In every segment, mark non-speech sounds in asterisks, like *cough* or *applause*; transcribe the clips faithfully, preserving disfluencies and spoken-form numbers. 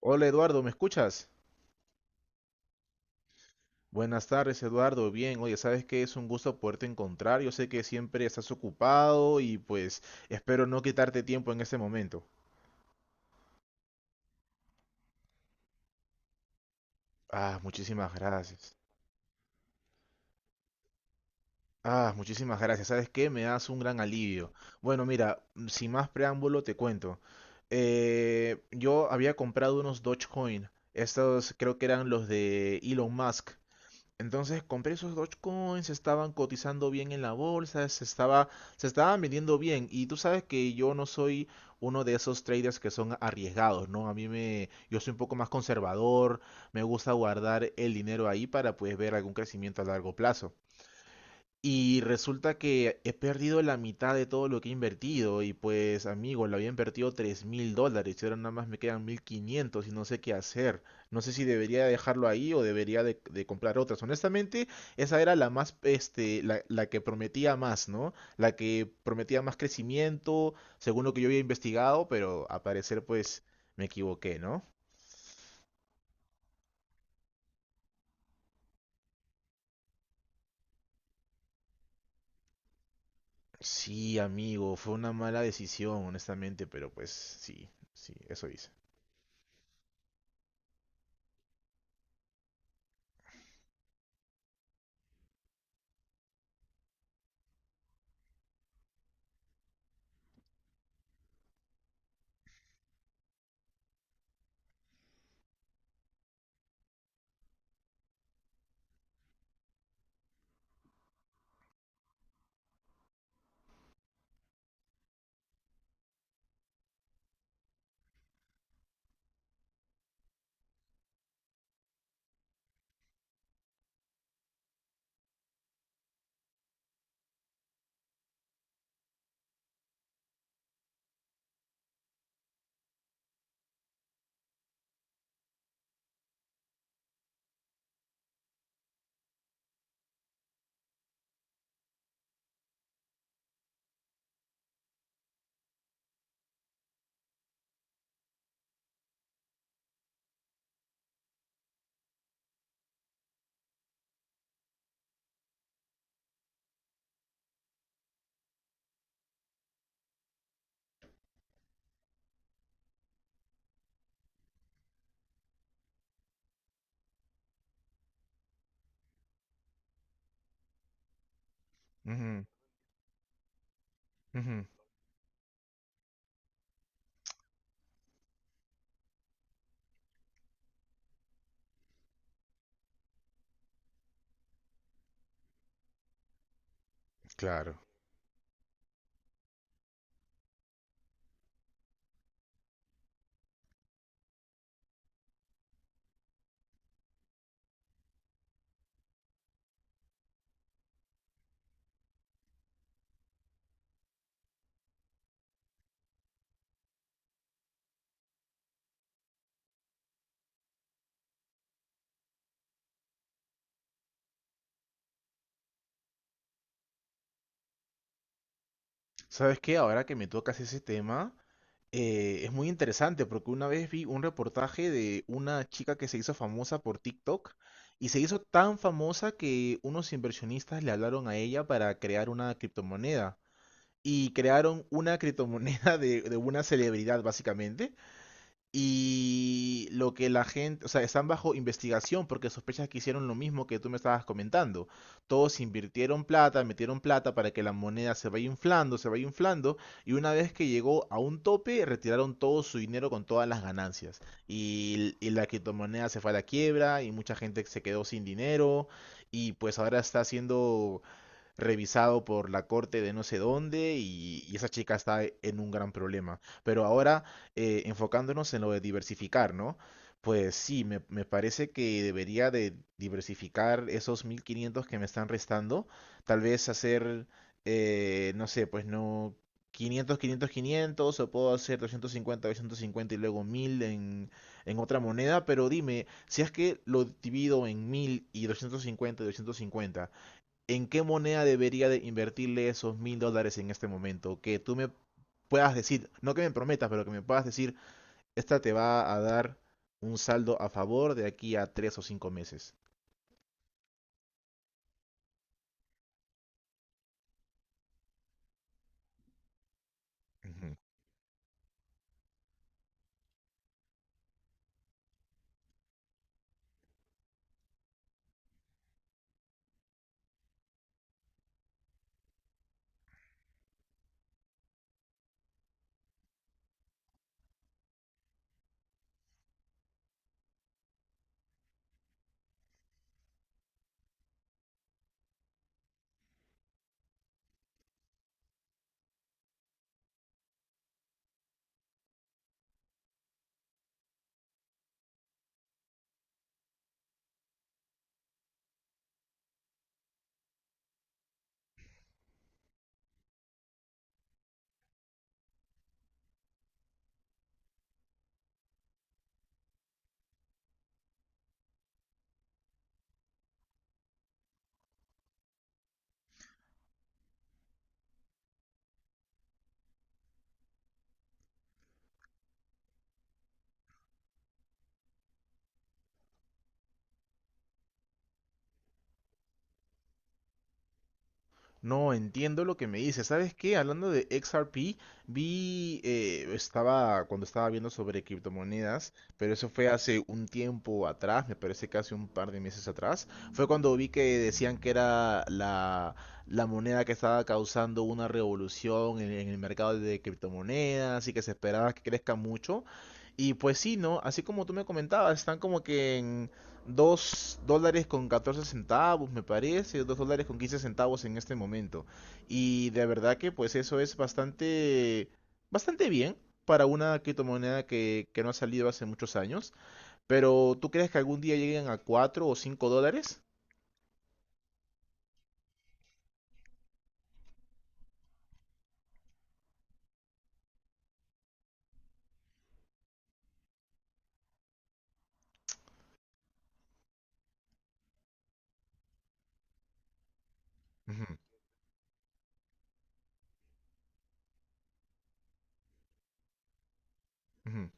Hola Eduardo, ¿me escuchas? Buenas tardes Eduardo, bien, oye, sabes que es un gusto poderte encontrar, yo sé que siempre estás ocupado y pues espero no quitarte tiempo en este momento. Ah, muchísimas gracias. Ah, muchísimas gracias, ¿sabes qué? Me das un gran alivio. Bueno, mira, mm, sin más preámbulo te cuento. Eh, yo había comprado unos Dogecoin, estos creo que eran los de Elon Musk. Entonces compré esos Dogecoins, se estaban cotizando bien en la bolsa, se estaba, se estaban vendiendo bien. Y tú sabes que yo no soy uno de esos traders que son arriesgados, ¿no? A mí me, yo soy un poco más conservador, me gusta guardar el dinero ahí para pues ver algún crecimiento a largo plazo. Y resulta que he perdido la mitad de todo lo que he invertido y pues amigo, lo había invertido tres mil dólares y ahora nada más me quedan mil quinientos y no sé qué hacer. No sé si debería dejarlo ahí o debería de, de comprar otras. Honestamente, esa era la más, este, la, la que prometía más, ¿no? La que prometía más crecimiento, según lo que yo había investigado, pero a parecer pues me equivoqué, ¿no? Sí, amigo, fue una mala decisión, honestamente, pero pues sí, sí, eso hice. Ujú, ujú. Claro. ¿Sabes qué? Ahora que me tocas ese tema, eh, es muy interesante porque una vez vi un reportaje de una chica que se hizo famosa por TikTok y se hizo tan famosa que unos inversionistas le hablaron a ella para crear una criptomoneda y crearon una criptomoneda de, de una celebridad básicamente. Y lo que la gente, o sea, están bajo investigación porque sospechas que hicieron lo mismo que tú me estabas comentando. Todos invirtieron plata, metieron plata para que la moneda se vaya inflando, se vaya inflando, y una vez que llegó a un tope, retiraron todo su dinero con todas las ganancias. Y, y la criptomoneda se fue a la quiebra, y mucha gente se quedó sin dinero, y pues ahora está siendo revisado por la corte de no sé dónde y, y esa chica está e, en un gran problema. Pero ahora, eh, enfocándonos en lo de diversificar, ¿no? Pues sí, me, me parece que debería de diversificar esos mil quinientos que me están restando. Tal vez hacer, eh, no sé, pues no quinientos, quinientos, quinientos. O puedo hacer doscientos cincuenta, doscientos cincuenta y luego mil en, en otra moneda. Pero dime, si es que lo divido en mil y doscientos cincuenta, y doscientos cincuenta en qué moneda debería de invertirle esos mil dólares en este momento. Que tú me puedas decir, no que me prometas, pero que me puedas decir, esta te va a dar un saldo a favor de aquí a tres o cinco meses. Ujú. No, entiendo lo que me dices. ¿Sabes qué? Hablando de X R P, vi, eh, estaba, cuando estaba viendo sobre criptomonedas, pero eso fue hace un tiempo atrás, me parece que hace un par de meses atrás, fue cuando vi que decían que era la, la moneda que estaba causando una revolución en, en el mercado de criptomonedas y que se esperaba que crezca mucho. Y pues sí, ¿no? Así como tú me comentabas, están como que en, dos dólares con catorce centavos, me parece, dos dólares con quince centavos en este momento. Y de verdad que pues eso es bastante, bastante bien para una criptomoneda que, que no ha salido hace muchos años. Pero ¿tú crees que algún día lleguen a cuatro o cinco dólares? Ujú, ujú,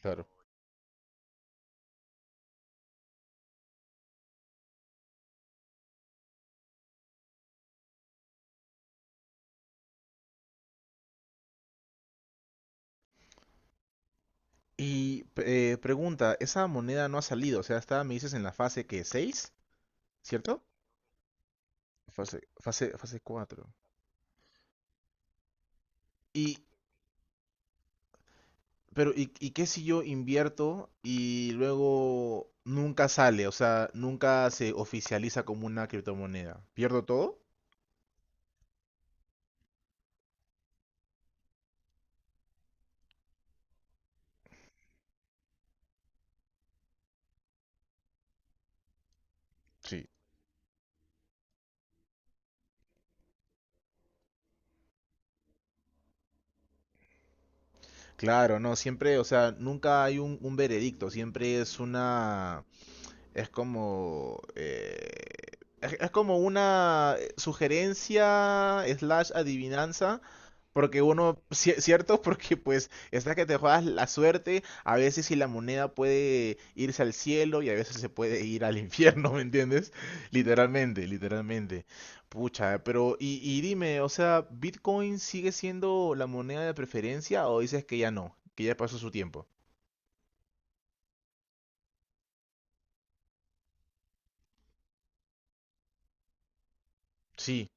claro. Y eh, pregunta, esa moneda no ha salido, o sea, está, me dices, en la fase que seis, ¿cierto? Fase, fase, fase cuatro. Pero, ¿y, y qué si yo invierto y luego nunca sale? O sea, nunca se oficializa como una criptomoneda. ¿Pierdo todo? Sí. Claro, no, siempre, o sea, nunca hay un, un veredicto, siempre es una, es como, eh, es, es como una eh, sugerencia slash adivinanza. Porque uno, cie- cierto, *laughs* porque pues está que te juegas la suerte, a veces si la moneda puede irse al cielo y a veces se puede ir al infierno, *laughs* ¿me entiendes? Literalmente, literalmente. Pucha, pero y, y dime, o sea, ¿Bitcoin sigue siendo la moneda de preferencia o dices que ya no, que ya pasó su tiempo? Sí.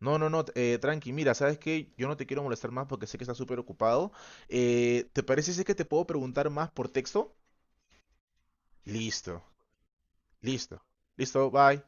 No, no, no, eh, tranqui, mira, ¿sabes qué? Yo no te quiero molestar más porque sé que estás súper ocupado. Eh, ¿te parece si es que te puedo preguntar más por texto? Listo, listo, listo, bye.